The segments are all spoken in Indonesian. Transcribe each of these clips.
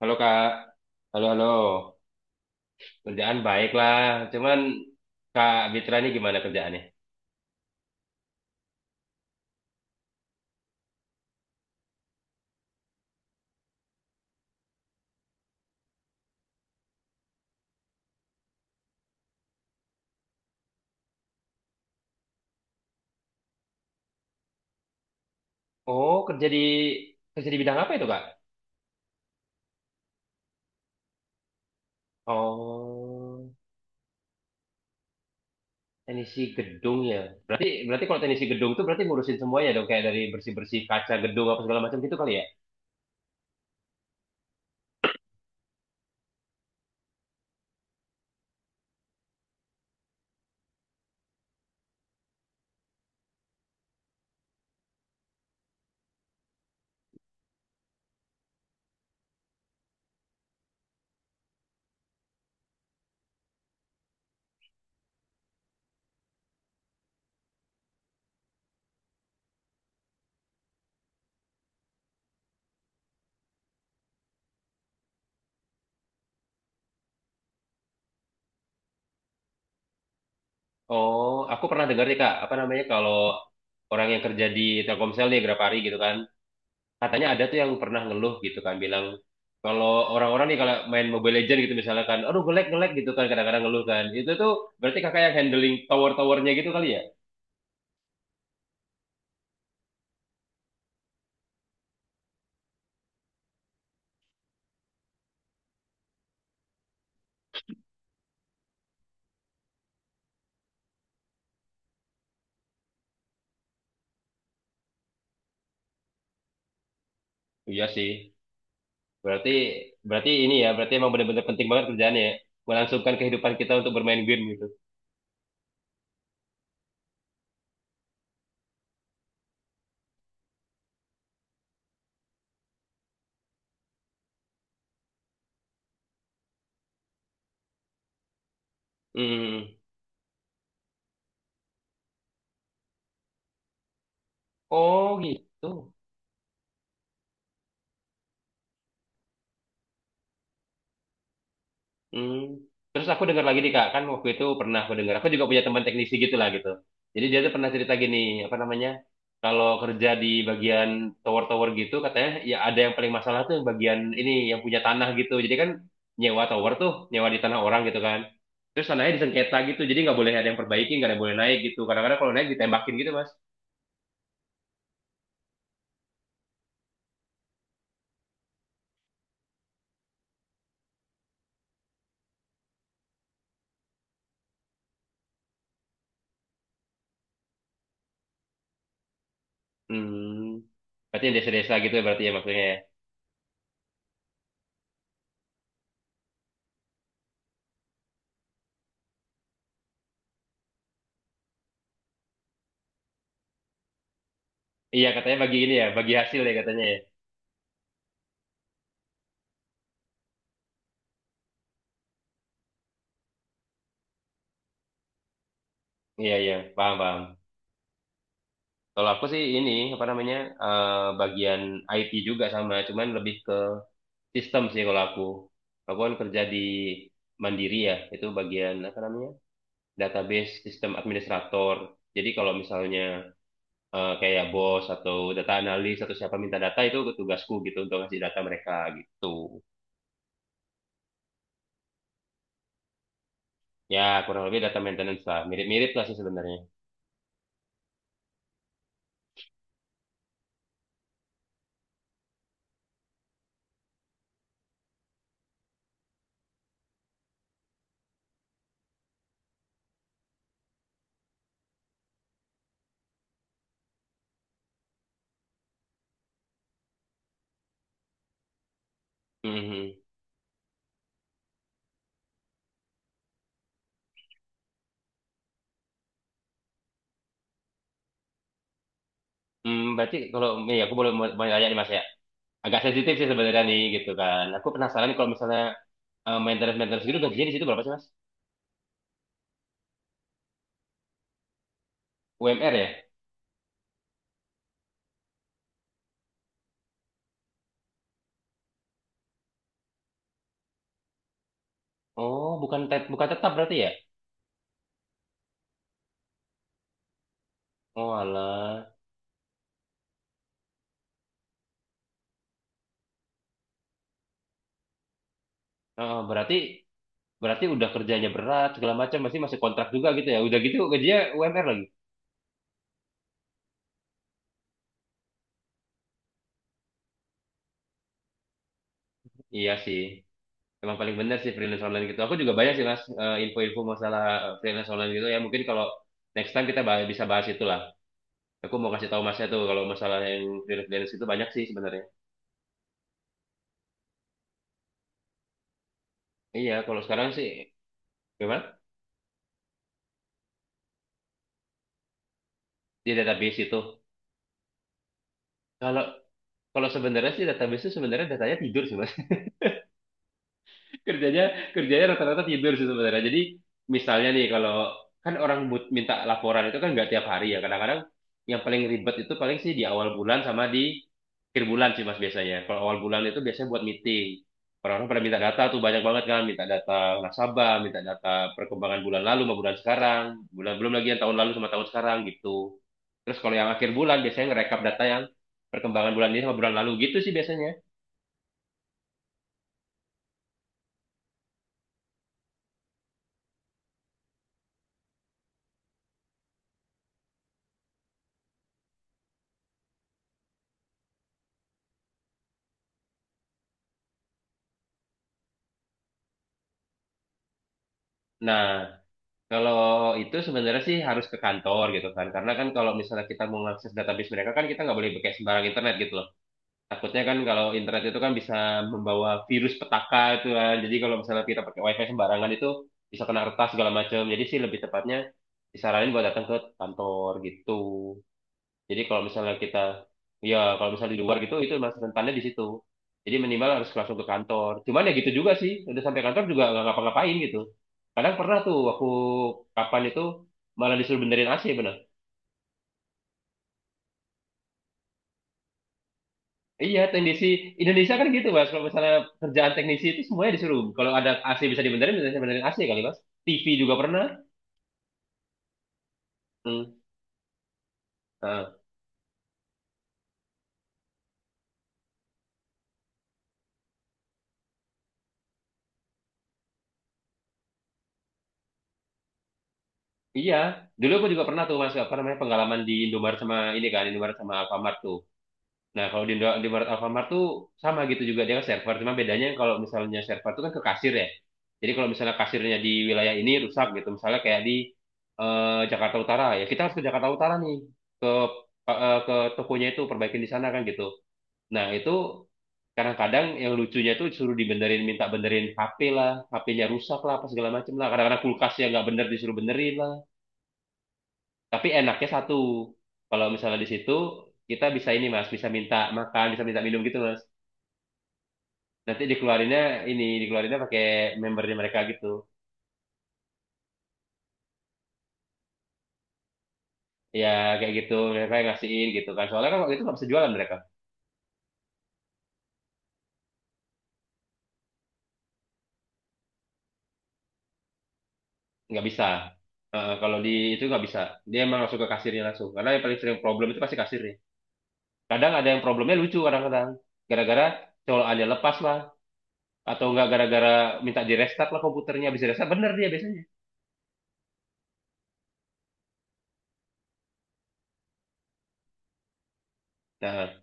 Halo Kak, halo halo. Kerjaan baik lah, cuman Kak Bitra ini gimana kerjaannya? Oh kerja di bidang apa itu Kak? Oh teknisi gedung ya. Berarti berarti kalau teknisi gedung tuh berarti ngurusin semuanya dong kayak dari bersih bersih kaca gedung apa segala macam gitu kali ya? Oh aku pernah dengar nih Kak, apa namanya kalau orang yang kerja di Telkomsel nih berapa hari gitu kan? Katanya ada tuh yang pernah ngeluh gitu kan, bilang kalau orang-orang nih kalau main Mobile Legends gitu misalnya kan, aduh ngelag ngelag gitu kan kadang-kadang ngeluh kan. Itu tuh berarti kakak yang handling tower-towernya gitu kali ya? Iya sih. Berarti berarti ini ya, berarti emang benar-benar penting banget kerjaannya ya. Melangsungkan kehidupan kita untuk bermain game gitu. Hmm. Oh gitu. Hmm. Terus aku dengar lagi nih Kak, kan waktu itu pernah aku dengar. Aku juga punya teman teknisi gitu lah gitu. Jadi dia tuh pernah cerita gini, apa namanya? Kalau kerja di bagian tower-tower gitu katanya ya ada yang paling masalah tuh bagian ini yang punya tanah gitu. Jadi kan nyewa tower tuh, nyewa di tanah orang gitu kan. Terus tanahnya disengketa gitu, jadi nggak boleh ada yang perbaiki, nggak ada yang boleh naik gitu. Kadang-kadang kalau naik ditembakin gitu Mas. Hmm. Berarti yang desa-desa gitu ya, berarti ya maksudnya ya. Iya katanya bagi ini ya, bagi hasil ya katanya ya. Iya iya, paham paham. Kalau aku sih ini apa namanya bagian IT juga sama, cuman lebih ke sistem sih kalau aku. Aku kan kerja di Mandiri ya, itu bagian apa namanya database sistem administrator. Jadi kalau misalnya kayak bos atau data analis atau siapa minta data itu tugasku gitu, untuk ngasih data mereka gitu. Ya kurang lebih data maintenance lah, mirip-mirip lah sih sebenarnya. Mhm. Hmm, berarti kalau ya aku boleh mau mau nanya nih Mas ya. Agak sensitif sih sebenarnya nih gitu kan. Aku penasaran kalau misalnya maintenance-maintenance gitu gajinya di situ berapa sih Mas? UMR ya? Oh, bukan tetap berarti ya? Oh, alah. Oh, berarti berarti udah kerjanya berat segala macam masih masih kontrak juga gitu ya. Udah gitu gajinya UMR lagi. Iya sih. Emang paling bener sih freelance online gitu. Aku juga banyak sih Mas, info-info masalah freelance online gitu ya. Mungkin kalau next time kita bisa bahas itu lah. Aku mau kasih tahu Masnya tuh kalau masalah yang freelance freelance itu banyak sih sebenarnya. Iya, kalau sekarang sih gimana? Di database itu. Kalau kalau sebenarnya sih database itu sebenarnya datanya tidur sih mas. Kerjanya kerjanya rata-rata tidur sih sebenarnya. Jadi misalnya nih kalau kan orang minta laporan itu kan nggak tiap hari ya. Kadang-kadang yang paling ribet itu paling sih di awal bulan sama di akhir bulan sih mas biasanya. Kalau awal bulan itu biasanya buat meeting. Orang-orang pada minta data tuh banyak banget kan, minta data nasabah, minta data perkembangan bulan lalu sama bulan sekarang, bulan belum lagi yang tahun lalu sama tahun sekarang gitu. Terus kalau yang akhir bulan biasanya ngerekap data yang perkembangan bulan ini sama bulan lalu gitu sih biasanya. Nah, kalau itu sebenarnya sih harus ke kantor gitu kan. Karena kan kalau misalnya kita mau mengakses database mereka kan, kita nggak boleh pakai sembarang internet gitu loh. Takutnya kan kalau internet itu kan bisa membawa virus petaka itu kan. Jadi kalau misalnya kita pakai wifi sembarangan itu bisa kena retas segala macam. Jadi sih lebih tepatnya disaranin buat datang ke kantor gitu. Jadi kalau misalnya kita, ya kalau misalnya di luar gitu, itu masih rentannya di situ. Jadi minimal harus langsung ke kantor. Cuman ya gitu juga sih, udah sampai kantor juga nggak ngapa-ngapain gitu. Kadang pernah tuh aku kapan itu malah disuruh benerin AC bener. Iya, teknisi Indonesia kan gitu mas. Kalau misalnya kerjaan teknisi itu semuanya disuruh. Kalau ada AC bisa dibenerin, bisa benerin AC kali mas. TV juga pernah. Hmm. Nah, iya, dulu aku juga pernah tuh mas apa namanya pengalaman di Indomaret, sama ini kan Indomaret sama Alfamart tuh. Nah, kalau di Maret Alfamart tuh sama gitu juga, dia kan server, cuma bedanya kalau misalnya server tuh kan ke kasir ya. Jadi kalau misalnya kasirnya di wilayah ini rusak gitu, misalnya kayak di Jakarta Utara ya, kita harus ke Jakarta Utara nih, ke ke tokonya itu perbaikin di sana kan gitu. Nah, itu kadang-kadang yang lucunya tuh suruh dibenerin, minta benerin HP lah, HP-nya rusak lah, apa segala macem lah. Kadang-kadang kulkasnya nggak bener disuruh benerin lah. Tapi enaknya satu, kalau misalnya di situ kita bisa ini mas, bisa minta makan, bisa minta minum gitu mas. Nanti dikeluarinnya ini, dikeluarinnya pakai membernya mereka gitu. Ya kayak gitu, mereka yang ngasihin gitu kan. Soalnya kan waktu itu nggak bisa jualan mereka, nggak bisa. Kalau di itu nggak bisa, dia emang langsung ke kasirnya langsung. Karena yang paling sering problem itu pasti kasirnya. Kadang ada yang problemnya lucu kadang-kadang, gara-gara colokannya lepas lah, atau nggak gara-gara minta di restart lah komputernya, bisa restart bener dia biasanya. Nah,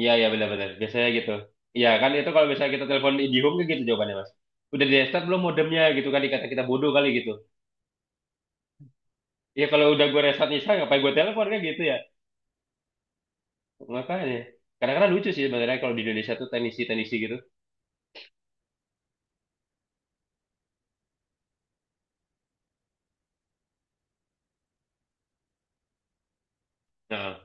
iya, iya benar-benar. Biasanya gitu. Iya kan itu kalau misalnya kita telepon IdiHome kan gitu jawabannya, Mas. Udah di restart belum modemnya gitu kan, dikata kita bodoh kali gitu. Ya kalau udah gue restart Nisa ngapain gue telepon kan gitu ya. Makanya. Kadang-kadang lucu sih sebenarnya kalau di Indonesia tuh teknisi-teknisi gitu. Nah,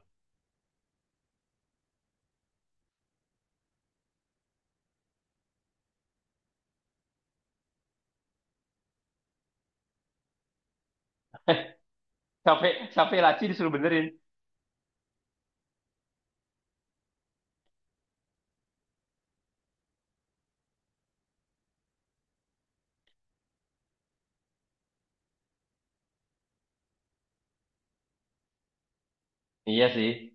sampai sampai laci disuruh benerin. Iya sih.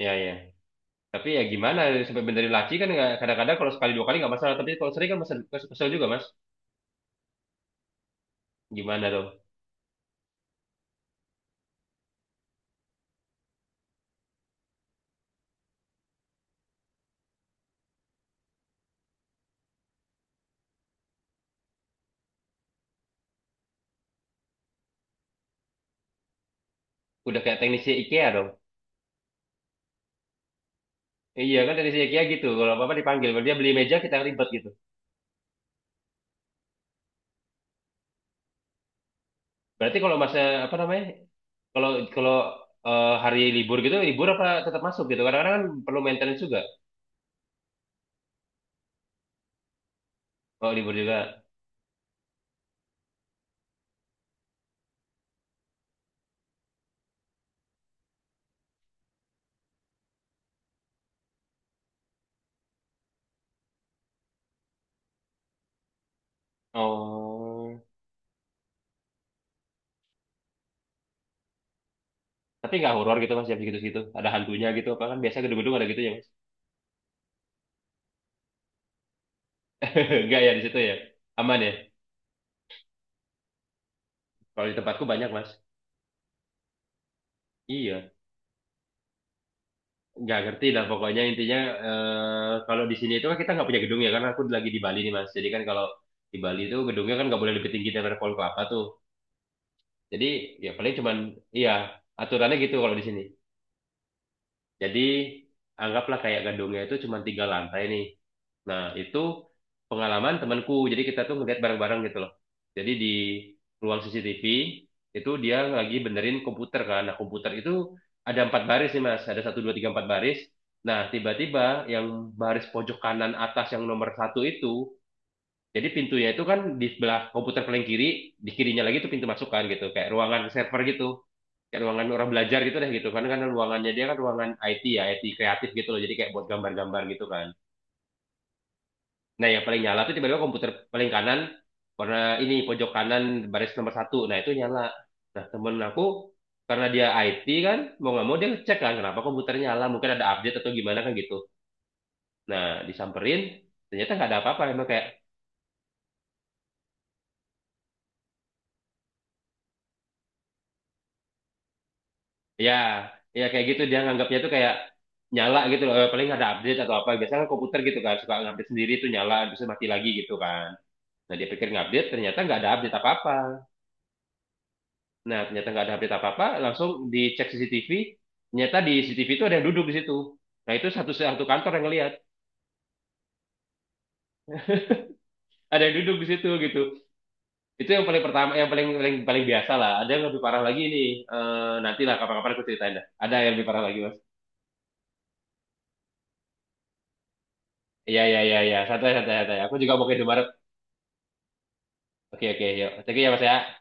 Iya, iya. Tapi ya gimana sampai benerin laci kan kadang-kadang kalau sekali dua kali nggak masalah, tapi kalau sering kan mesen, kesel kesel juga, Mas. Gimana dong? Udah kayak teknisi IKEA dong. Iya kan teknisi IKEA gitu. Kalau apa-apa dipanggil, kalau dia beli meja kita ribet gitu. Berarti kalau masa apa namanya? Kalau kalau hari libur gitu, libur apa tetap masuk gitu? Kadang-kadang kan perlu maintenance juga. Kalau libur juga. Oh. Tapi nggak horor gitu Mas, jam segitu-segitu. Ada hantunya gitu apa kan, biasa gedung-gedung ada gitu ya, Mas. Enggak ya di situ ya. Aman ya. Kalau di tempatku banyak, Mas. Iya, nggak ngerti lah pokoknya intinya kalau di sini itu kan kita nggak punya gedung ya karena aku lagi di Bali nih Mas. Jadi kan kalau di Bali itu gedungnya kan nggak boleh lebih tinggi daripada pohon kelapa tuh. Jadi ya paling cuman iya aturannya gitu kalau di sini. Jadi anggaplah kayak gedungnya itu cuma tiga lantai nih. Nah itu pengalaman temanku. Jadi kita tuh ngeliat bareng-bareng gitu loh. Jadi di ruang CCTV itu dia lagi benerin komputer kan. Nah komputer itu ada empat baris nih mas. Ada satu dua tiga empat baris. Nah tiba-tiba yang baris pojok kanan atas yang nomor satu itu, jadi pintunya itu kan di sebelah komputer paling kiri, di kirinya lagi itu pintu masukan gitu, kayak ruangan server gitu. Kayak ruangan orang belajar gitu deh gitu, karena kan ruangannya dia kan ruangan IT ya, IT kreatif gitu loh. Jadi kayak buat gambar-gambar gitu kan. Nah, yang paling nyala tuh tiba-tiba komputer paling kanan, karena ini pojok kanan baris nomor satu. Nah, itu nyala. Nah, temen aku karena dia IT kan mau nggak mau dia cek kan kenapa komputernya nyala, mungkin ada update atau gimana kan gitu. Nah disamperin ternyata nggak ada apa-apa, emang kayak ya, ya kayak gitu dia nganggapnya tuh kayak nyala gitu loh. Paling ada update atau apa. Biasanya kan komputer gitu kan suka ngupdate sendiri tuh nyala, terus mati lagi gitu kan. Nah dia pikir ngupdate, ternyata nggak ada update apa-apa. Nah ternyata nggak ada update apa-apa, langsung dicek CCTV. Ternyata di CCTV itu ada yang duduk di situ. Nah itu satu satu kantor yang ngelihat ada yang duduk di situ gitu. Itu yang paling pertama, yang paling paling paling biasa lah. Ada yang lebih parah lagi nih. Eh nantilah kapan-kapan aku ceritain dah. Ada yang lebih parah lagi mas. Iya iya iya iya. Santai santai santai. Aku juga mau ke Indomaret. Oke oke yuk. Thank you ya Mas ya.